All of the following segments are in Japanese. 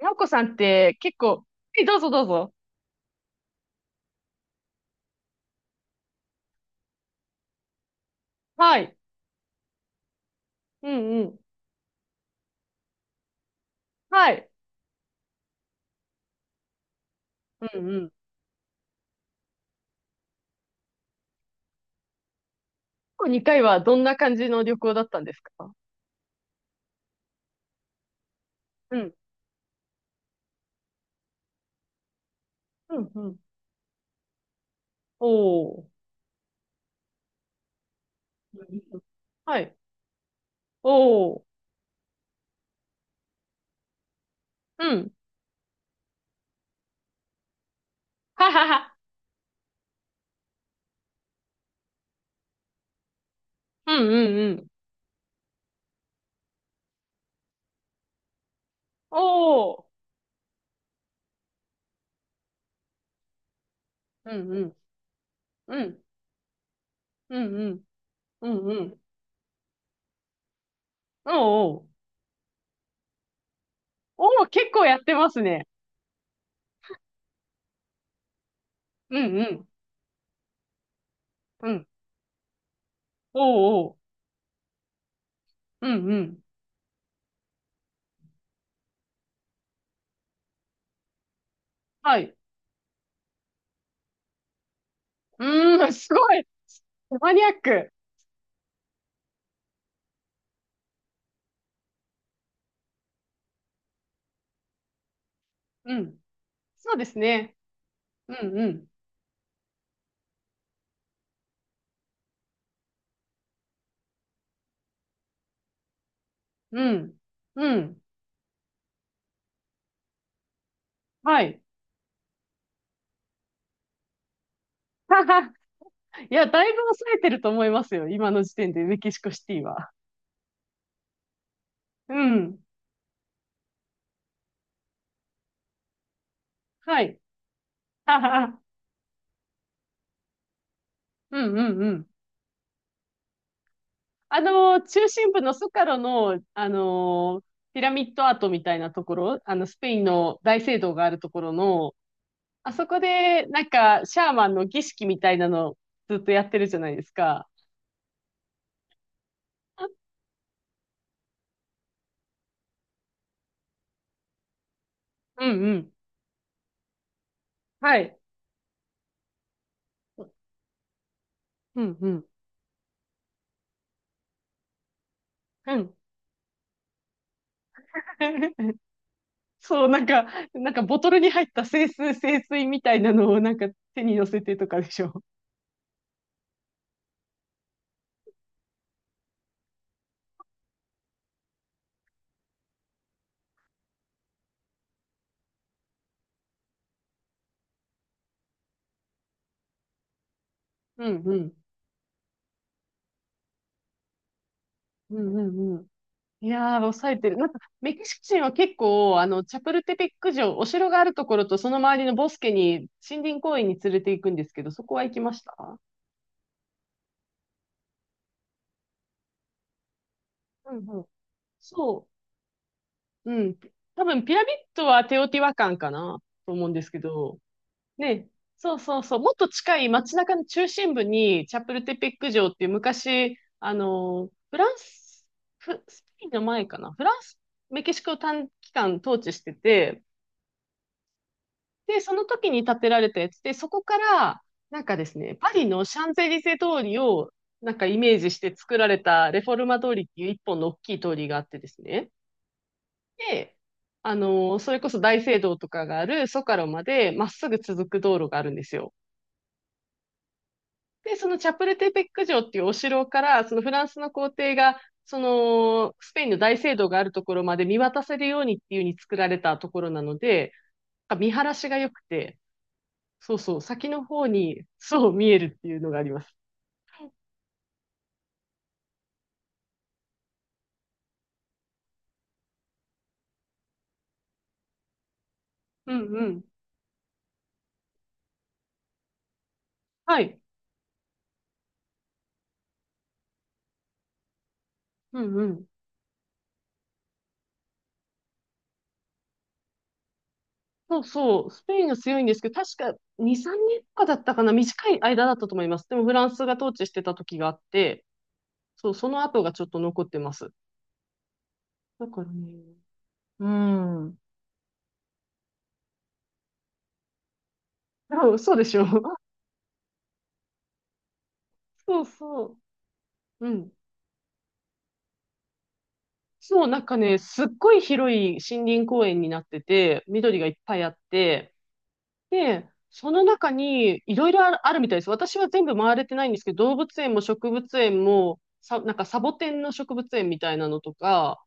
なおこさんって結構、え、どうぞどうぞ。はい。うんうん。はい。うんうん。過去2回はどんな感じの旅行だったんですか？うん。うんうん。おー。うんはい。おー。うん。ははは。うんうんうん。おー。うんうん。うん。うんうん。うんうん。おーおー。おー、結構やってますね。うんうん。うん。おーおー。うんうん。はい。うーん、すごい。マニアック。うん。そうですね。うんうん。うん。うん。はい。いや、だいぶ抑えてると思いますよ。今の時点でメキシコシティは。うん。はい。うんうんうん。あの、中心部のスカロの、あのピラミッドアートみたいなところ、あの、スペインの大聖堂があるところの、あそこで、なんか、シャーマンの儀式みたいなのずっとやってるじゃないですか。うんうん。はい。うんうん。うん。そう、なんか、なんかボトルに入った清水みたいなのをなんか手に乗せてとかでしょ。うんうん。うんうんうん。いやー、抑えてる。なんか、メキシコ人は結構、あの、チャプルテペック城、お城があるところと、その周りのボスケに、森林公園に連れて行くんですけど、そこは行きました？うんうん。そう。うん。多分、ピラミッドはテオティワカンかなと思うんですけど、ね、そうそうそう、もっと近い街中の中心部に、チャプルテペック城っていう昔、あの、フランス、スペインの前かな、フランス、メキシコを短期間統治してて、で、その時に建てられたやつで、そこから、なんかですね、パリのシャンゼリゼ通りを、なんかイメージして作られたレフォルマ通りっていう一本の大きい通りがあってですね。で、あの、それこそ大聖堂とかがあるソカロまでまっすぐ続く道路があるんですよ。で、そのチャプルテペック城っていうお城から、そのフランスの皇帝が、その、スペインの大聖堂があるところまで見渡せるようにっていう風に作られたところなので、なんか見晴らしが良くて、そうそう、先の方に、そう見えるっていうのがあります。うんうん。はい。うんうん。そうそう、スペインが強いんですけど、確か2、3年とかだったかな、短い間だったと思います。でもフランスが統治してた時があって、そう、その後がちょっと残ってます。だからね、うん。そうそうでしょ。そうそう。うん。そう、なんかね、すっごい広い森林公園になってて、緑がいっぱいあって、で、その中にいろいろあるみたいです。私は全部回れてないんですけど、動物園も植物園も、なんかサボテンの植物園みたいなのとか、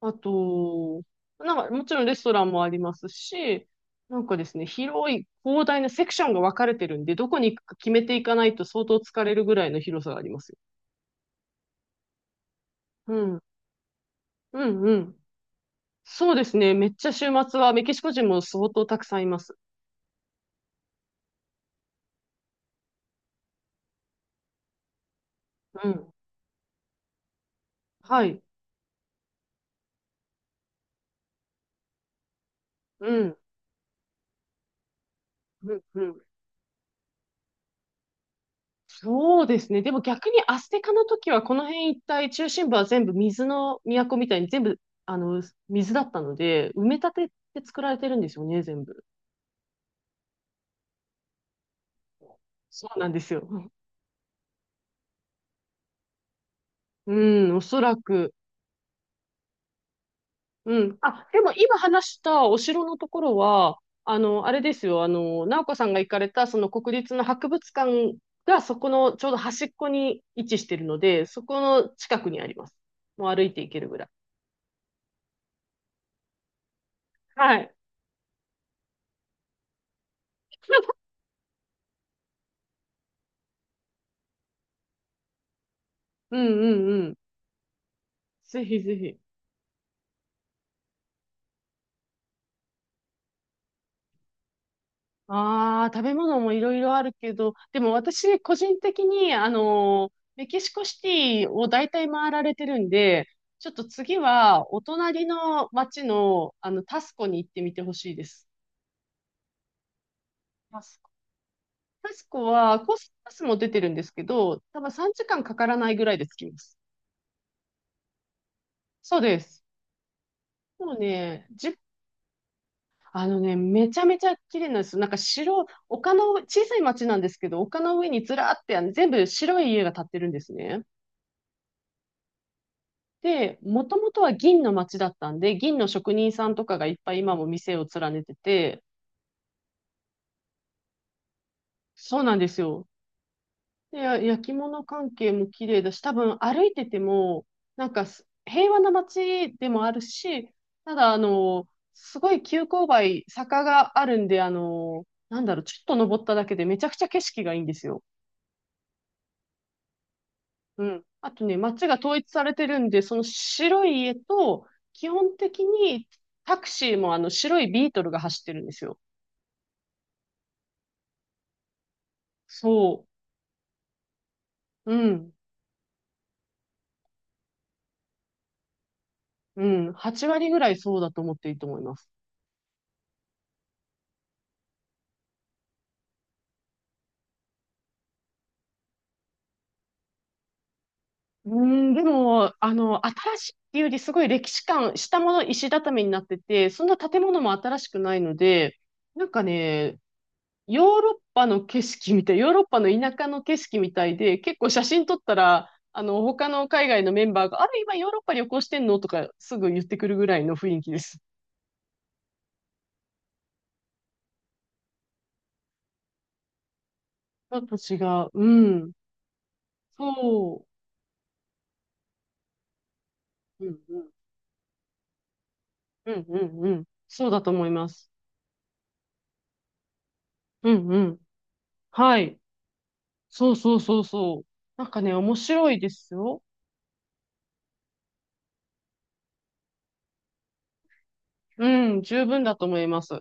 あと、なんかもちろんレストランもありますし、なんかですね、広い広大なセクションが分かれてるんで、どこに行くか決めていかないと相当疲れるぐらいの広さがありますよ。うん。うんうん。そうですね。めっちゃ週末はメキシコ人も相当たくさんいます。うん。はい。うん。うん。うん。そうですね。でも逆にアステカの時はこの辺一帯中心部は全部水の都みたいに全部あの水だったので埋め立てって作られてるんですよね、全部。そうなんですよ。うん、おそらく。うん。あ、でも今話したお城のところは、あの、あれですよ、あの、直子さんが行かれた、その国立の博物館が、そこのちょうど端っこに位置してるので、そこの近くにあります。もう歩いて行けるぐらい。はい。うんうんうん。ぜひぜひ。ああ、食べ物もいろいろあるけど、でも私、個人的に、メキシコシティを大体回られてるんで、ちょっと次は、お隣の町の、あの、タスコに行ってみてほしいです。タスコタスコは、コースパスも出てるんですけど、多分3時間かんかからないぐらいで着きます。そうです。もうね、あのね、めちゃめちゃ綺麗なんですよ。なんか丘の上、小さい町なんですけど、丘の上にずらーって、あの全部白い家が建ってるんですね。で、もともとは銀の町だったんで、銀の職人さんとかがいっぱい今も店を連ねてて、そうなんですよ。で、焼き物関係も綺麗だし、多分歩いてても、なんか平和な町でもあるし、ただ、あの、すごい急勾配、坂があるんで、あの、なんだろう、ちょっと登っただけでめちゃくちゃ景色がいいんですよ。うん。あとね、町が統一されてるんで、その白い家と、基本的にタクシーもあの白いビートルが走ってるんですよ。そう。うん。うん。8割ぐらいそうだと思っていいと思います。うん、でも、あの、新しいっていうより、すごい歴史感、下も石畳になってて、そんな建物も新しくないので、なんかね、ヨーロッパの景色みたい、ヨーロッパの田舎の景色みたいで、結構写真撮ったら、あの、他の海外のメンバーが、あれ、今ヨーロッパ旅行してんのとか、すぐ言ってくるぐらいの雰囲気です。ちょっと違う。うん。そう。うんうん。うんうんうん。そうだと思います。うんうん。はい。そうそうそうそう。なんかね、面白いですよ。うん、十分だと思います。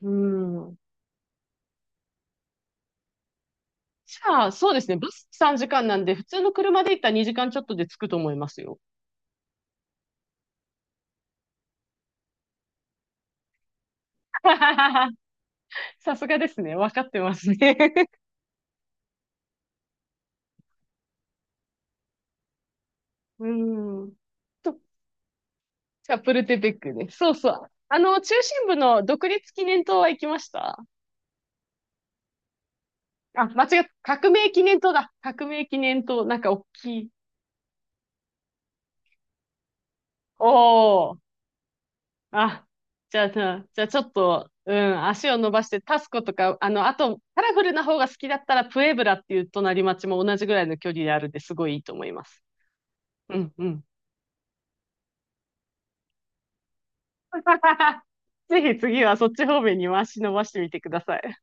うん。じゃあ、そうですね。バス3時間なんで、普通の車で行ったら2時間ちょっとで着くと思いますよ。さすがですね。わかってますね。うん。と、チャプルテペックね。そうそう。あの、中心部の独立記念塔は行きました？あ、間違った。革命記念塔だ。革命記念塔。なんか大きい。おー。あ、じゃあ、ちょっと、うん、足を伸ばして、タスコとか、あの、あと、カラフルな方が好きだったら、プエブラっていう隣町も同じぐらいの距離であるんで、すごいいいと思います。うん、うん。ぜひ次はそっち方面にも足伸ばしてみてください。